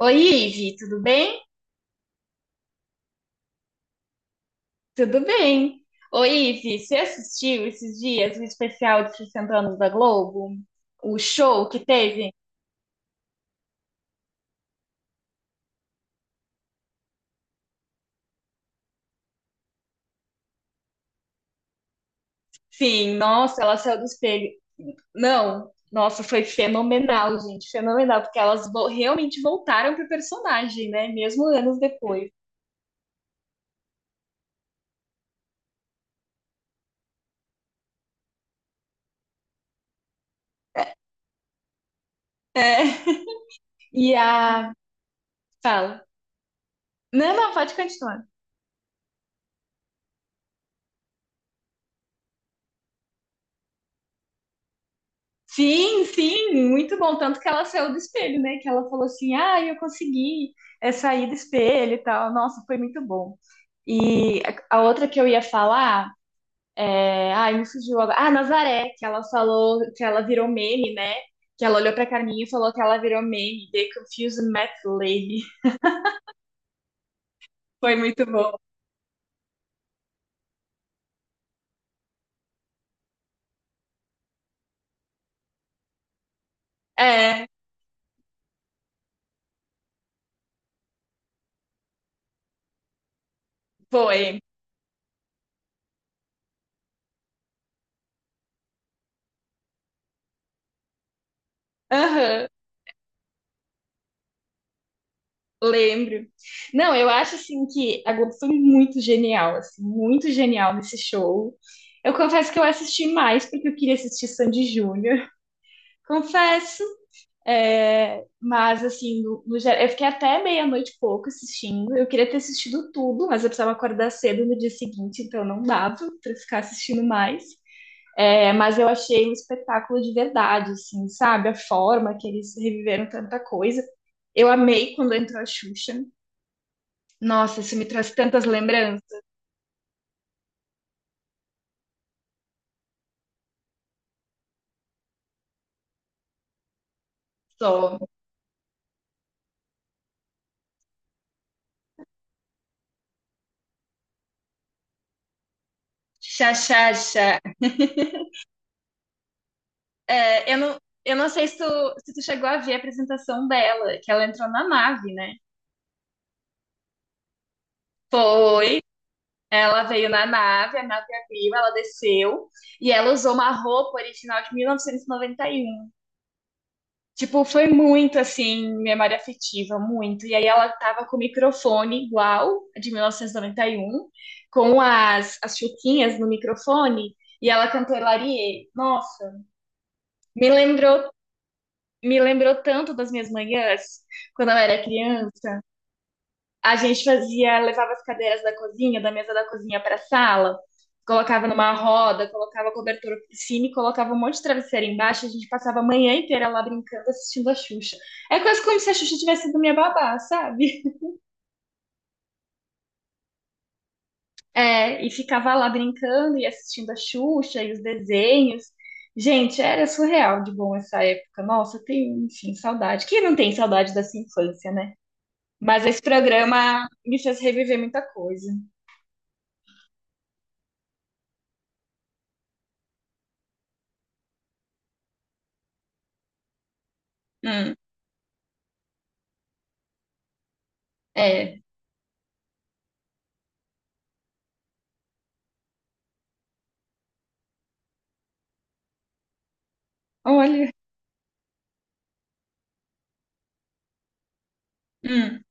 Oi, Ive, tudo bem? Tudo bem. Oi, Ive, você assistiu esses dias o especial de 60 anos da Globo? O show que teve? Sim, nossa, ela saiu do espelho. Não, nossa, foi fenomenal, gente, fenomenal, porque elas realmente voltaram pro personagem, né? Mesmo anos depois. É, e a... Fala. Não, não, pode continuar. Sim, sim, muito bom. Tanto que ela saiu do espelho, né? Que ela falou assim: ah, eu consegui sair do espelho e tal. Nossa, foi muito bom. E a outra que eu ia falar, ai, me fugiu agora. Ah, Nazaré, que ela falou que ela virou meme, né? Que ela olhou pra Carminha e falou que ela virou meme. The Confused Mad Lady. Foi muito bom. É, foi. Aham. Lembro. Não, eu acho assim que a Globo foi muito genial, assim, muito genial nesse show. Eu confesso que eu assisti mais porque eu queria assistir Sandy Júnior, confesso. É, mas assim, no geral, eu fiquei até meia-noite e pouco assistindo. Eu queria ter assistido tudo, mas eu precisava acordar cedo no dia seguinte, então não dava para ficar assistindo mais. É, mas eu achei um espetáculo de verdade, assim, sabe? A forma que eles reviveram tanta coisa. Eu amei quando entrou a Xuxa. Nossa, isso me traz tantas lembranças. Só. Xa, xa, xa. É, eu não, eu não sei se tu, se tu chegou a ver a apresentação dela, que ela entrou na nave, né? Foi. Ela veio na nave, a nave abriu, ela desceu e ela usou uma roupa original de 1991. Tipo, foi muito assim, memória afetiva, muito. E aí ela tava com o microfone igual a de 1991, com as chuquinhas no microfone, e ela cantou Larie. Nossa, me lembrou, me lembrou tanto das minhas manhãs, quando eu era criança. A gente fazia, levava as cadeiras da cozinha, da mesa da cozinha para a sala, colocava numa roda, colocava cobertura por cima e colocava um monte de travesseiro embaixo. A gente passava a manhã inteira lá brincando, assistindo a Xuxa. É quase como se a Xuxa tivesse sido minha babá, sabe? É, e ficava lá brincando e assistindo a Xuxa e os desenhos. Gente, era surreal de bom essa época. Nossa, eu tenho, enfim, saudade. Quem não tem saudade dessa infância, né? Mas esse programa me fez reviver muita coisa. Hum, é. Olha. Hum,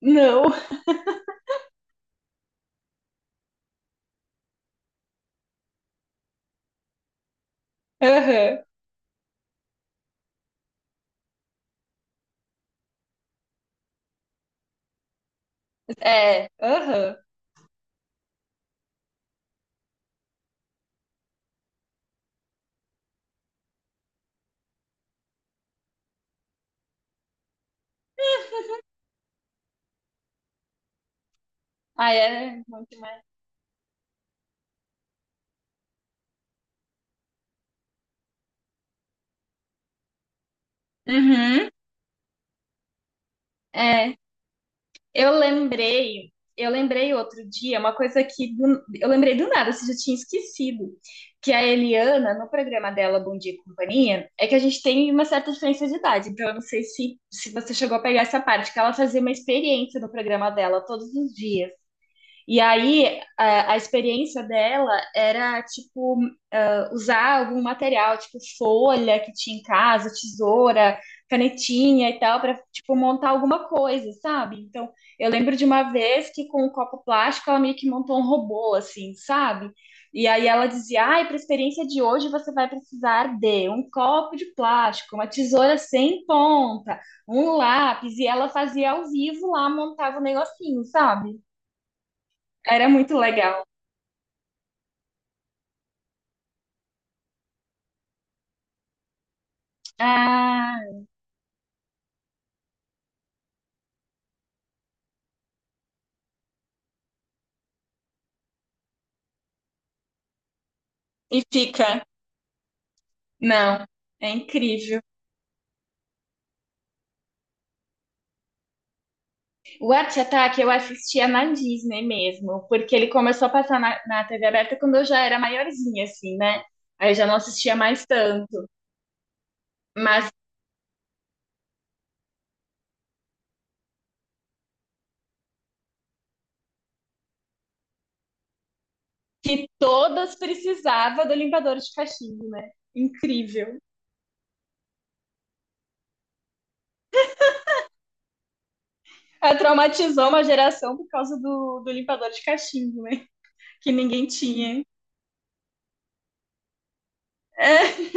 não. Aham. É. Aham. Ah, é muito mais. Uhum. É. Eu lembrei. Eu lembrei outro dia uma coisa eu lembrei do nada, você já tinha esquecido, que a Eliana, no programa dela Bom Dia e Companhia, é que a gente tem uma certa diferença de idade, então eu não sei se você chegou a pegar essa parte, que ela fazia uma experiência no programa dela todos os dias. E aí, a experiência dela era, tipo, usar algum material, tipo, folha que tinha em casa, tesoura, canetinha e tal, para, tipo, montar alguma coisa, sabe? Então, eu lembro de uma vez que com um copo plástico ela meio que montou um robô, assim, sabe? E aí ela dizia: ai, para a experiência de hoje você vai precisar de um copo de plástico, uma tesoura sem ponta, um lápis. E ela fazia ao vivo lá, montava o negocinho, sabe? Era muito legal. Ah, e fica. Não, é incrível. O Arte Ataque eu assistia na Disney mesmo, porque ele começou a passar na TV aberta quando eu já era maiorzinha, assim, né? Aí eu já não assistia mais tanto. Mas que todas precisava do limpador de cachimbo, né? Incrível. Ela traumatizou uma geração por causa do limpador de cachimbo, né? Que ninguém tinha. É,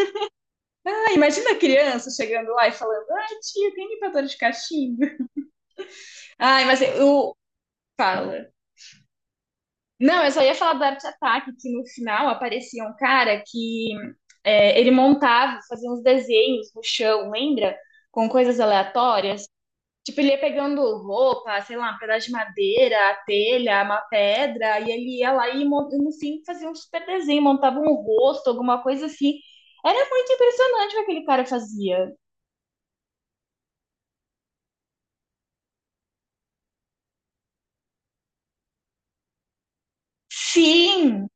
ah, imagina a criança chegando lá e falando: ai, tio, tem limpador de cachimbo? Ai, mas eu. Fala. Não, eu só ia falar do Art Attack, que no final aparecia um cara que ele montava, fazia uns desenhos no chão, lembra? Com coisas aleatórias. Tipo, ele ia pegando roupa, sei lá, um pedaço de madeira, a telha, uma pedra, e ele ia lá e no fim fazia um super desenho, montava um rosto, alguma coisa assim. Era muito impressionante o que aquele cara fazia. Sim!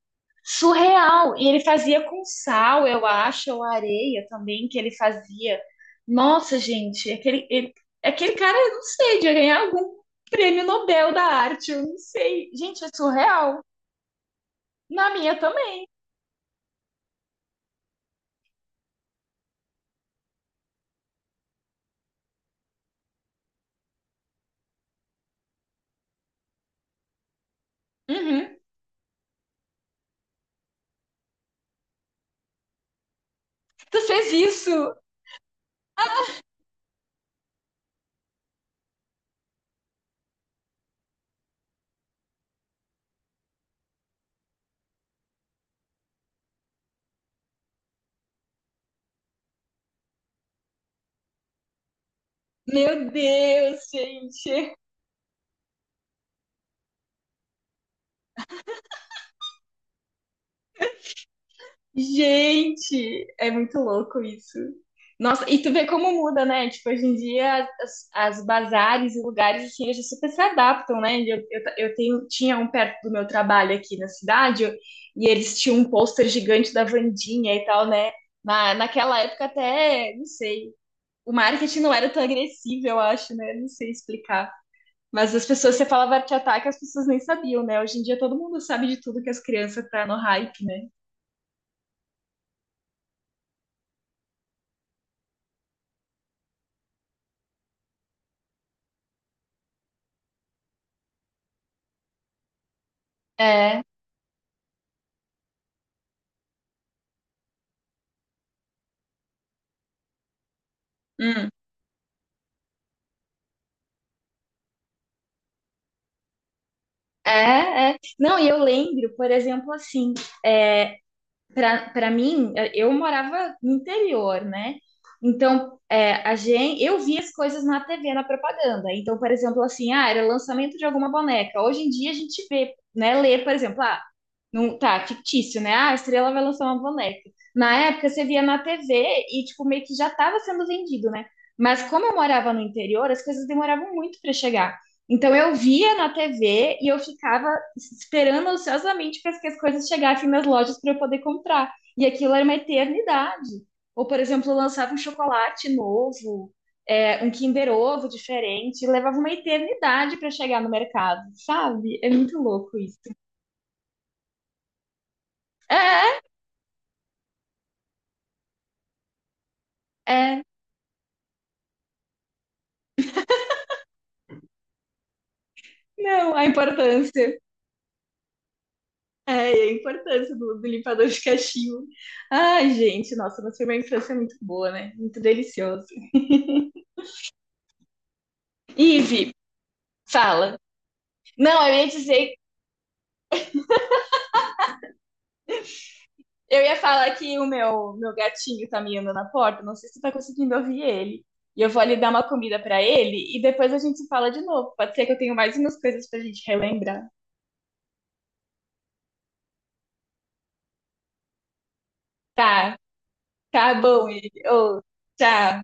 Surreal! E ele fazia com sal, eu acho, ou areia também, que ele fazia. Nossa, gente, aquele cara, eu não sei, devia ganhar algum prêmio Nobel da arte, eu não sei. Gente, é surreal. Na minha também. Uhum. Tu fez isso? Meu Deus, gente. Gente, é muito louco isso. Nossa, e tu vê como muda, né? Tipo, hoje em dia as bazares e lugares assim, eles super se adaptam, né? Eu tenho, tinha um perto do meu trabalho aqui na cidade e eles tinham um pôster gigante da Wandinha e tal, né? Naquela época até, não sei, o marketing não era tão agressivo, eu acho, né? Não sei explicar. Mas as pessoas, você falava arte ataque, as pessoas nem sabiam, né? Hoje em dia todo mundo sabe de tudo que as crianças tá no hype, né? É. Hum. É, é. Não, e eu lembro, por exemplo, assim, é, para mim, eu morava no interior, né? Então, é, a gente, eu via as coisas na TV, na propaganda. Então, por exemplo, assim, ah, era lançamento de alguma boneca. Hoje em dia a gente vê, né, lê, por exemplo, ah, não, tá, fictício, né? Ah, a Estrela vai lançar uma boneca. Na época você via na TV e, tipo, meio que já estava sendo vendido, né? Mas como eu morava no interior, as coisas demoravam muito para chegar. Então eu via na TV e eu ficava esperando ansiosamente para que as coisas chegassem nas lojas para eu poder comprar. E aquilo era uma eternidade. Ou, por exemplo, lançava um chocolate novo, é, um Kinder Ovo diferente, levava uma eternidade para chegar no mercado, sabe? É muito louco isso. É, é, não, a importância. É, a importância do limpador de cachimbo. Ai, gente, nossa, mas foi uma infância muito boa, né? Muito delicioso. Ive, fala. Não, eu ia dizer. Eu ia falar que o meu gatinho tá miando na porta, não sei se você tá conseguindo ouvir ele. E eu vou ali dar uma comida pra ele e depois a gente se fala de novo. Pode ser que eu tenha mais umas coisas pra gente relembrar. Tá, tá bom, ele. Ô, tchau.